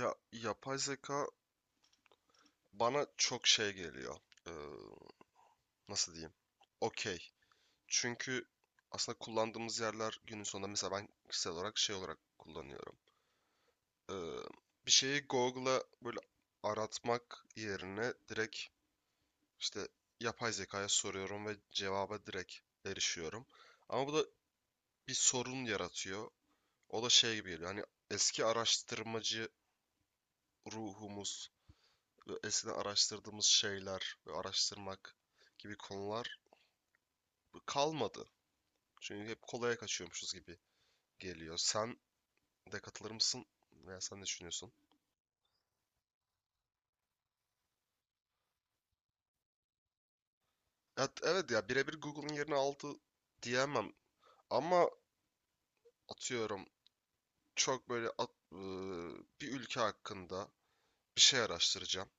Ya yapay zeka bana çok şey geliyor. Ee, Nasıl diyeyim? Okey. Çünkü aslında kullandığımız yerler günün sonunda mesela ben kişisel olarak şey olarak kullanıyorum. Ee, Bir şeyi Google'a böyle aratmak yerine direkt işte yapay zekaya soruyorum ve cevaba direkt erişiyorum. Ama bu da bir sorun yaratıyor. O da şey gibi geliyor. Hani eski araştırmacı ruhumuz ve eskiden araştırdığımız şeyler ve araştırmak gibi konular kalmadı. Çünkü hep kolaya kaçıyormuşuz gibi geliyor. Sen de katılır mısın? Veya sen ne düşünüyorsun? Evet, evet ya birebir Google'ın yerini aldı diyemem. Ama atıyorum çok böyle bir ülke hakkında bir şey araştıracağım.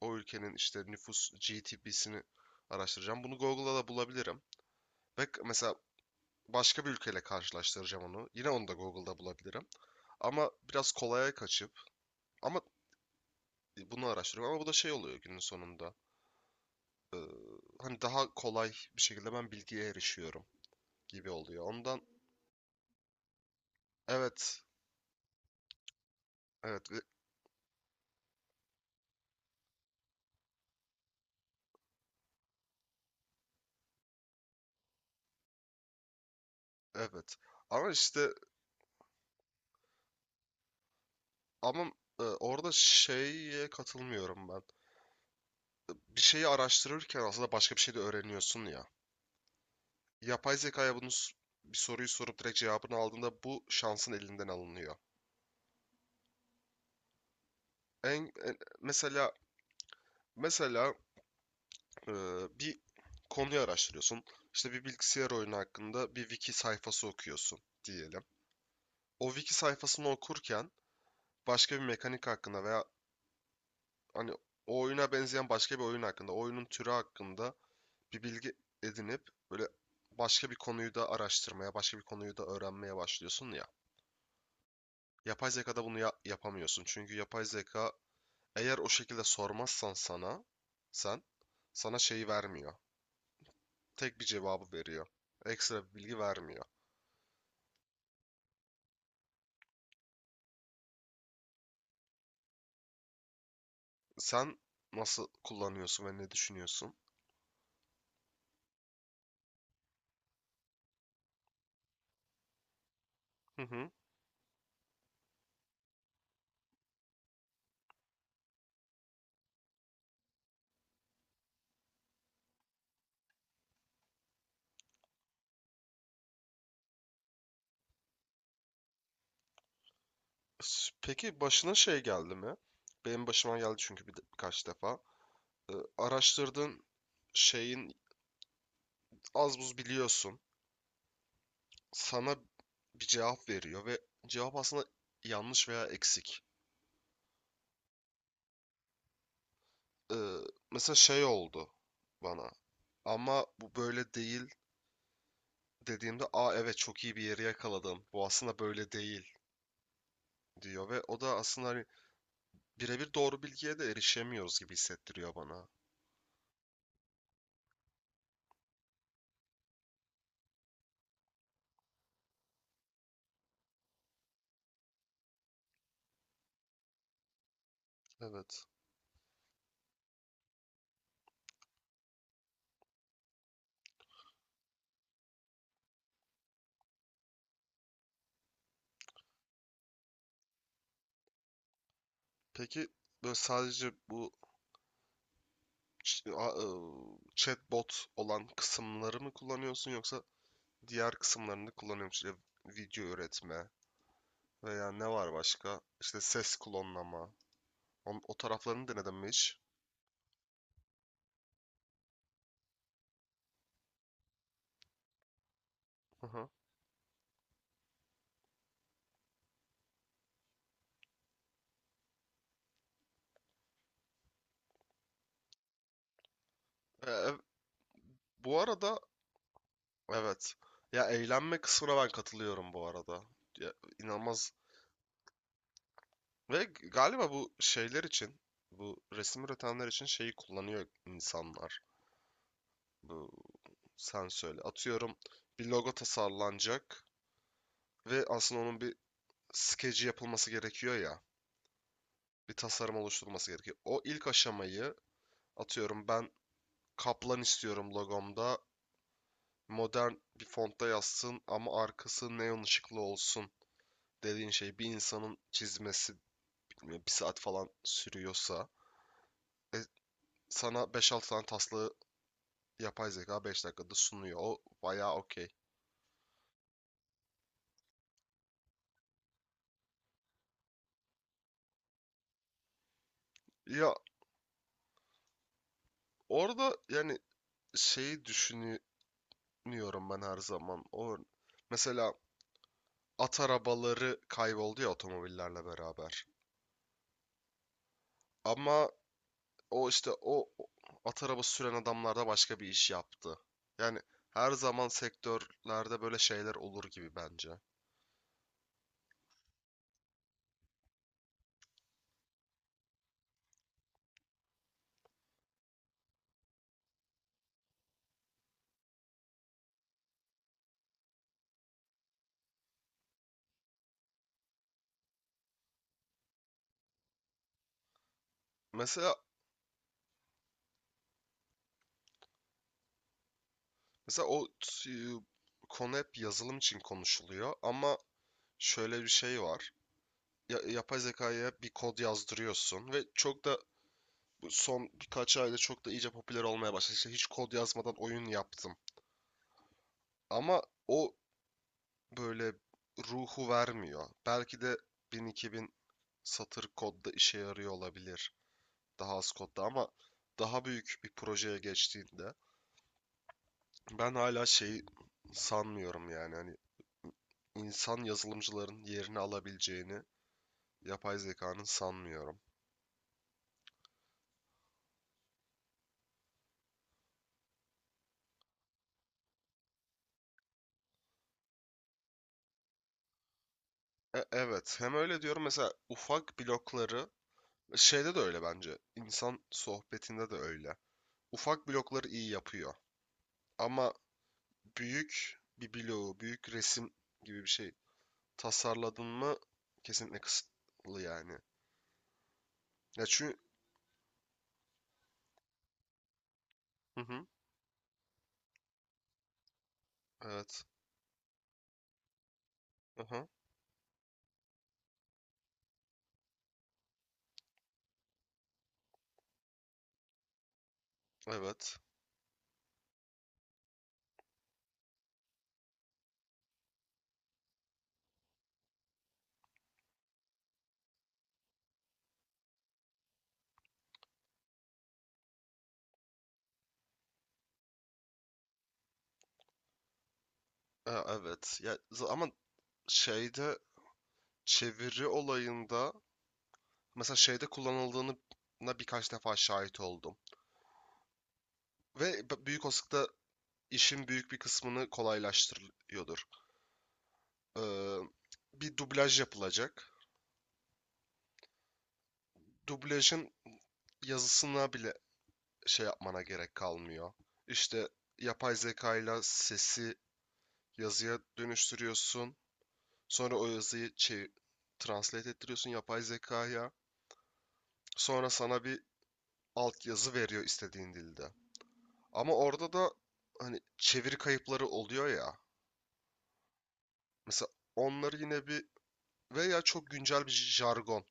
O ülkenin işte nüfus GDP'sini araştıracağım. Bunu Google'da da bulabilirim. Ve mesela başka bir ülkeyle karşılaştıracağım onu. Yine onu da Google'da bulabilirim. Ama biraz kolaya kaçıp ama bunu araştırıyorum ama bu da şey oluyor günün sonunda. Ee, Hani daha kolay bir şekilde ben bilgiye erişiyorum gibi oluyor. Ondan evet, evet, evet. Ama işte ama orada şeye katılmıyorum ben. Bir şeyi araştırırken aslında başka bir şey de öğreniyorsun ya. Yapay zekaya bunu bir soruyu sorup direkt cevabını aldığında bu şansın elinden alınıyor. En, en- mesela mesela e, bir konuyu araştırıyorsun. İşte bir bilgisayar oyunu hakkında bir wiki sayfası okuyorsun diyelim. O wiki sayfasını okurken başka bir mekanik hakkında veya hani o oyuna benzeyen başka bir oyun hakkında, oyunun türü hakkında bir bilgi edinip böyle başka bir konuyu da araştırmaya, başka bir konuyu da öğrenmeye başlıyorsun ya. Yapay zekada bunu yapamıyorsun. Çünkü yapay zeka eğer o şekilde sormazsan sen sana şeyi vermiyor. Tek bir cevabı veriyor. Ekstra bir bilgi vermiyor. Sen nasıl kullanıyorsun ve ne düşünüyorsun? Hı hı. Peki başına şey geldi mi? Benim başıma geldi çünkü birkaç defa. Ee, Araştırdığın şeyin az buz biliyorsun. Sana bir cevap veriyor ve cevap aslında yanlış veya eksik. Ee, Mesela şey oldu bana. Ama bu böyle değil dediğimde aa evet çok iyi bir yeri yakaladım. Bu aslında böyle değil diyor ve o da aslında hani birebir doğru bilgiye de erişemiyoruz gibi hissettiriyor bana. Evet. Peki böyle sadece bu chatbot olan kısımları mı kullanıyorsun yoksa diğer kısımlarını da kullanıyor musun? İşte video üretme veya ne var başka? İşte ses klonlama. O taraflarını denedin mi hiç? Hı hı. E, e, Bu arada evet. Ya eğlenme kısmına ben katılıyorum bu arada. Ya, inanılmaz. Ve galiba bu şeyler için, bu resim üretenler için şeyi kullanıyor insanlar. Bu sen söyle. Atıyorum bir logo tasarlanacak ve aslında onun bir skeci yapılması gerekiyor ya. Bir tasarım oluşturulması gerekiyor. O ilk aşamayı atıyorum ben kaplan istiyorum logomda. Modern bir fontta yazsın ama arkası neon ışıklı olsun dediğin şey bir insanın çizmesi bilmiyorum, bir saat falan sürüyorsa e, sana beş altı tane taslağı yapay zeka 5 dakikada sunuyor. O bayağı okey. Ya orada yani şeyi düşünüyorum ben her zaman. O mesela at arabaları kayboldu ya otomobillerle beraber. Ama o işte o at arabası süren adamlar da başka bir iş yaptı. Yani her zaman sektörlerde böyle şeyler olur gibi bence. Mesela mesela o konu hep yazılım için konuşuluyor ama şöyle bir şey var. Ya, yapay zekaya bir kod yazdırıyorsun ve çok da bu son birkaç ayda çok da iyice popüler olmaya başladı. İşte hiç kod yazmadan oyun yaptım. Ama o böyle ruhu vermiyor. Belki de 1000-2000 satır kodda işe yarıyor olabilir. Daha az kodda ama daha büyük bir projeye geçtiğinde ben hala şeyi sanmıyorum yani hani insan yazılımcıların yerini alabileceğini yapay zekanın sanmıyorum. Evet hem öyle diyorum mesela ufak blokları şeyde de öyle bence insan sohbetinde de öyle. Ufak blokları iyi yapıyor ama büyük bir bloğu, büyük resim gibi bir şey tasarladın mı kesinlikle kısıtlı yani. Ya çünkü hı hı, evet. Aha, evet. Evet. Ya ama şeyde çeviri olayında mesela şeyde kullanıldığını birkaç defa şahit oldum. Ve büyük olasılıkla işin büyük bir kısmını kolaylaştırıyordur. Ee, Bir dublaj yapılacak. Dublajın yazısına bile şey yapmana gerek kalmıyor. İşte yapay zeka ile sesi yazıya dönüştürüyorsun. Sonra o yazıyı translate ettiriyorsun yapay zekaya. Sonra sana bir altyazı veriyor istediğin dilde. Ama orada da hani çeviri kayıpları oluyor ya. Mesela onları yine bir veya çok güncel bir jargon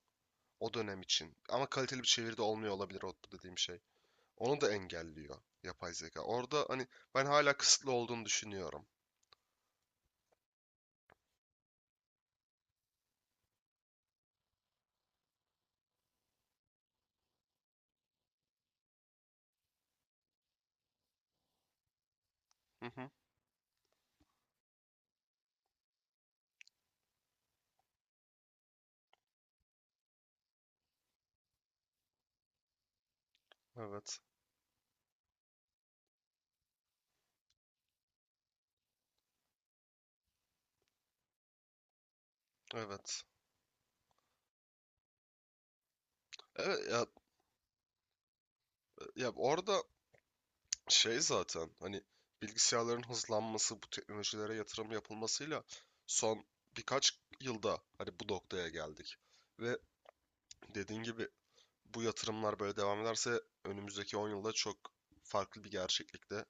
o dönem için. Ama kaliteli bir çeviri de olmuyor olabilir o dediğim şey. Onu da engelliyor yapay zeka. Orada hani ben hala kısıtlı olduğunu düşünüyorum. Hı hı. Evet. Evet. Evet ya, orada şey zaten hani bilgisayarların hızlanması bu teknolojilere yatırım yapılmasıyla son birkaç yılda hani bu noktaya geldik. Ve dediğin gibi bu yatırımlar böyle devam ederse önümüzdeki 10 yılda çok farklı bir gerçeklikte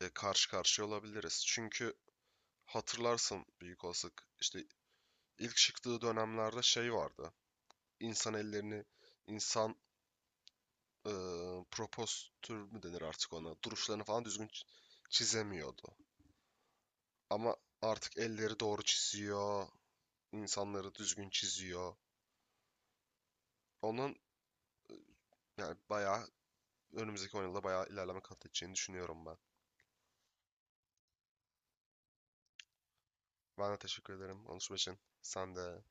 karşı karşıya olabiliriz. Çünkü hatırlarsın büyük olasılık işte ilk çıktığı dönemlerde şey vardı. İnsan ellerini, insan e, propostür mü denir artık ona? Duruşlarını falan düzgün çizemiyordu. Ama artık elleri doğru çiziyor, insanları düzgün çiziyor. Onun yani bayağı önümüzdeki 10 yılda bayağı ilerleme kat edeceğini düşünüyorum ben. Ben de teşekkür ederim Anuşum için. Sen de